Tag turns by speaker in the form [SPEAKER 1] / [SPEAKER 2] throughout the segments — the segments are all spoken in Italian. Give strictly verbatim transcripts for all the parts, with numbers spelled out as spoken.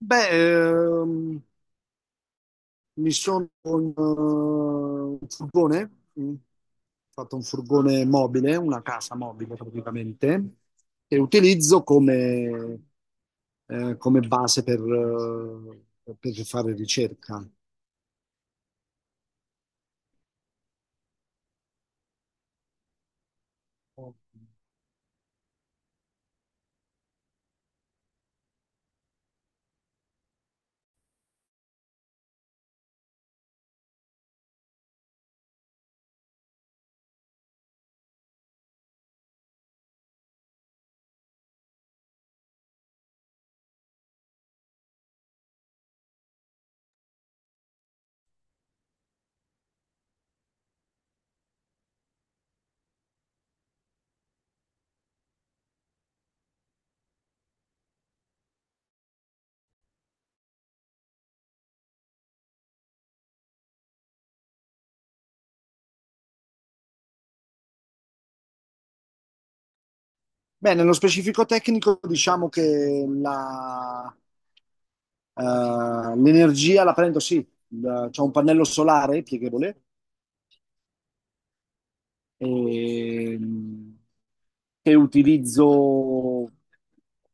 [SPEAKER 1] Beh, ehm, mi sono un, eh, un furgone, mm, fatto un furgone mobile, una casa mobile praticamente, che utilizzo come, eh, come base per, eh, per fare ricerca. Beh, nello specifico tecnico diciamo che la, eh, l'energia la prendo, sì, da- c'è un pannello solare pieghevole, ehm, che utilizzo,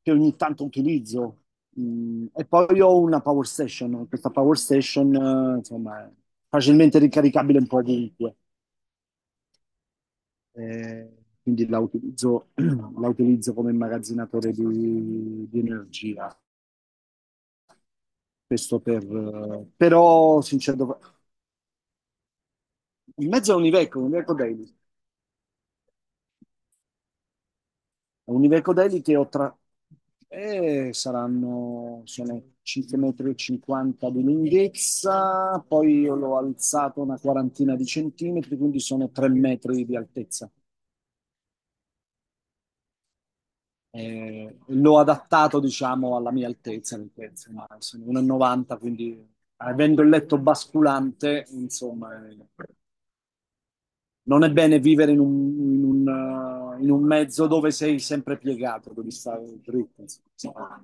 [SPEAKER 1] che ogni tanto utilizzo. Mm, e poi ho una power station, questa power station, eh, insomma, è facilmente ricaricabile un po' ovunque. Eh, quindi la utilizzo, la utilizzo come immagazzinatore di, di energia. Questo per, eh, però, sincero, in mezzo a un Iveco, un Iveco Daily. Univecodelli che ho tra... eh, saranno, sono cinque virgola cinquanta m di lunghezza, poi io l'ho alzato una quarantina di centimetri, quindi sono tre metri di altezza. Eh, l'ho adattato, diciamo, alla mia altezza, perché insomma, sono un metro e novanta, quindi avendo il letto basculante, insomma, eh, non è bene vivere in un, in un, eh, in un mezzo dove sei sempre piegato, devi stare dritto. insomma.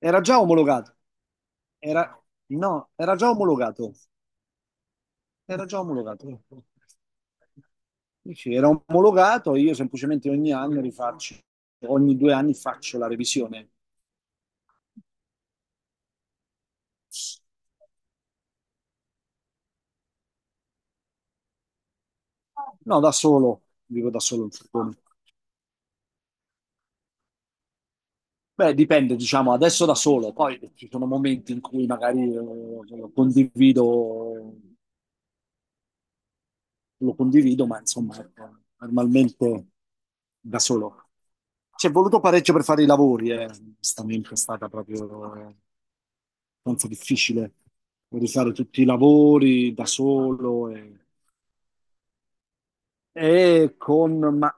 [SPEAKER 1] Era già omologato. Era, no, era già omologato. Era già omologato. Sì, sì, era omologato, io semplicemente ogni anno rifaccio, ogni due anni faccio la revisione. No, da solo, dico da solo. suppongo. Beh, dipende, diciamo, adesso da solo, poi ci sono momenti in cui magari eh, lo condivido, lo condivido, ma insomma, ecco, normalmente da solo. Ci è voluto parecchio per fare i lavori, eh. Onestamente è stata proprio eh, abbastanza difficile rifare tutti i lavori da solo e, e con... Ma,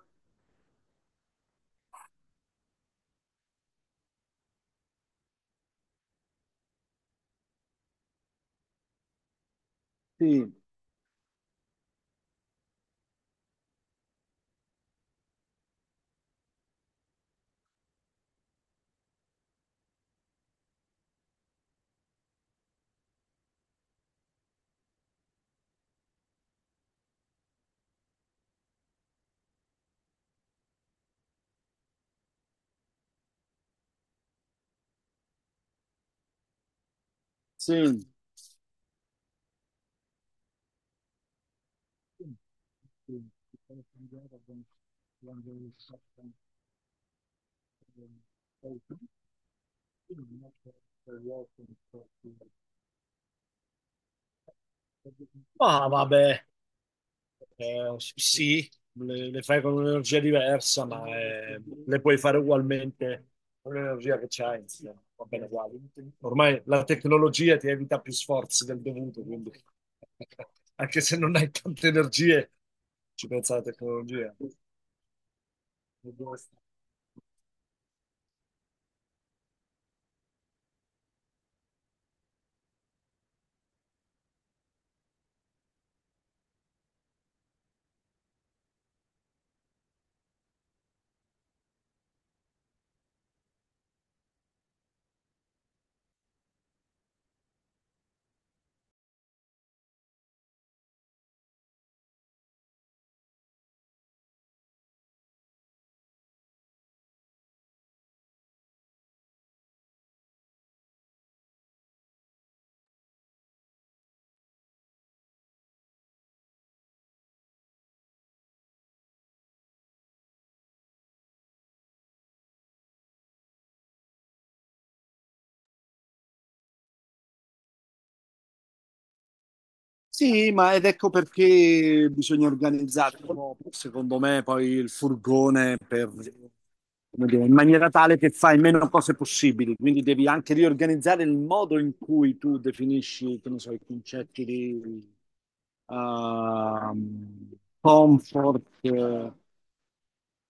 [SPEAKER 1] sì, sì. Ah, vabbè. Eh, sì, le, le fai con un'energia diversa, ma eh, le puoi fare ugualmente con l'energia che c'hai, insomma, va bene uguale. Ormai la tecnologia ti evita più sforzi del dovuto, quindi anche se non hai tante energie, ci pensa la tecnologia. Sì, ma ed ecco perché bisogna organizzare un po', secondo me, poi il furgone per, come dire, in maniera tale che fai meno cose possibili. Quindi devi anche riorganizzare il modo in cui tu definisci, che ne so, i concetti di ehm, comfort, eh,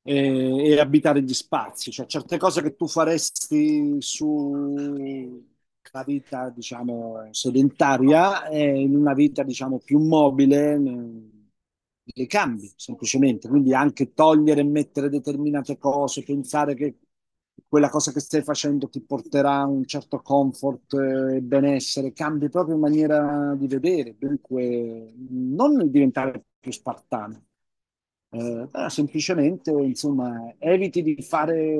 [SPEAKER 1] e, e abitare gli spazi, cioè certe cose che tu faresti su una vita, diciamo, sedentaria, eh, in una vita, diciamo, più mobile, ne- le cambi semplicemente. Quindi anche togliere e mettere determinate cose, pensare che quella cosa che stai facendo ti porterà un certo comfort eh, e benessere, cambi proprio maniera di vedere, dunque non diventare più spartano. Eh, ah, semplicemente, insomma, eviti di fare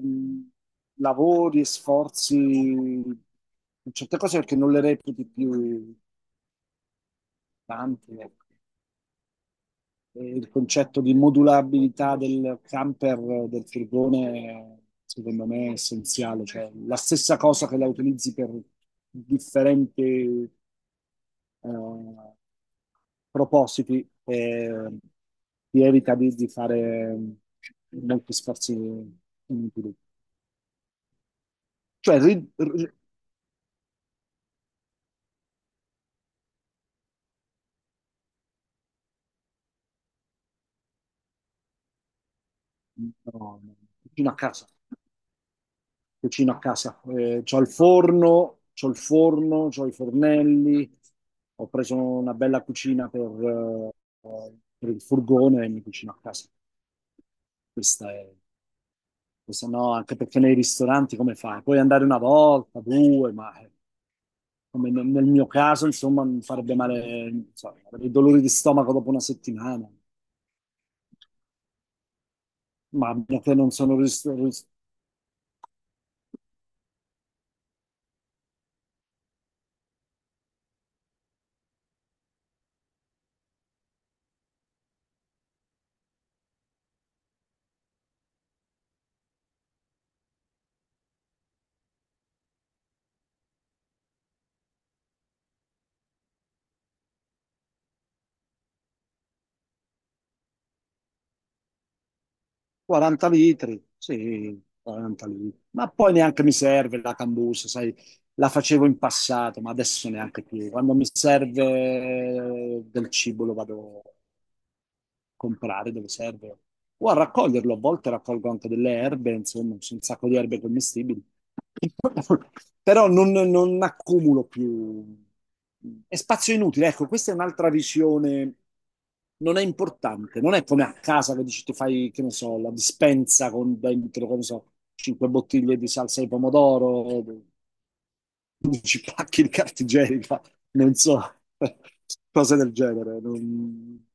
[SPEAKER 1] mh, lavori e sforzi in certe cose perché non le reputi più tante. ecco. E il concetto di modulabilità del camper, eh, del furgone, secondo me è essenziale. Cioè, la stessa cosa che la utilizzi per differenti eh, propositi e ti evita di, di fare molti sforzi inutili. Cioè, ri- ri- no, no, cucino a casa, cucino a casa. Eh, c'ho il forno, c'ho il forno, c'ho i fornelli, ho preso una bella cucina per, eh, per il furgone e mi cucino a casa. Questa è, questa no, anche perché nei ristoranti come fai? Puoi andare una volta, due, ma... eh, come nel, nel mio caso, insomma, mi farebbe male, non so, avrei dolori di stomaco dopo una settimana. Mamma che non sono ris- ris- quaranta litri, sì, quaranta litri. Ma poi neanche mi serve la cambusa, sai, la facevo in passato, ma adesso neanche più. Quando mi serve del cibo lo vado comprare dove serve o a raccoglierlo. A volte raccolgo anche delle erbe, insomma, c'è un sacco di erbe commestibili. Però non, non accumulo più. È spazio inutile. Ecco, questa è un'altra visione. Non è importante, non è come a casa che dici ti fai, che ne so, la dispensa con dentro, che ne so, cinque bottiglie di salsa di pomodoro, quindici pacchi di carta igienica, non so, cose del genere. non-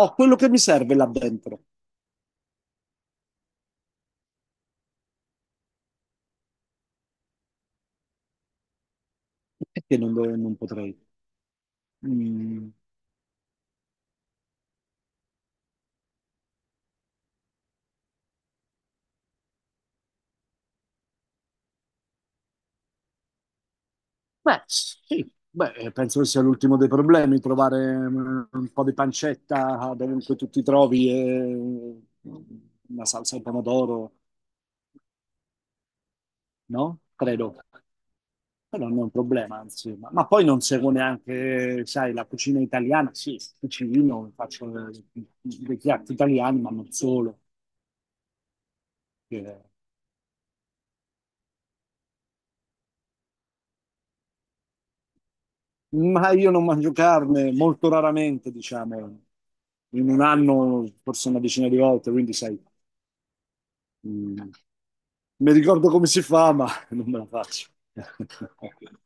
[SPEAKER 1] Ho quello che mi serve là dentro. Perché non, dove- non potrei? Mm, Beh, sì, beh, eh, penso che sia l'ultimo dei problemi, trovare mm, un po' di pancetta dovunque tu ti trovi e mm, una salsa al pomodoro, no? Credo. Però non è un problema, anzi. Ma, ma poi non seguo neanche, sai, la cucina italiana. Sì, cucino, faccio eh, dei piatti italiani, ma non solo. Che Ma io non mangio carne molto raramente, diciamo, in un anno forse una decina di volte, quindi sai, mh, mi ricordo come si fa, ma non me la faccio.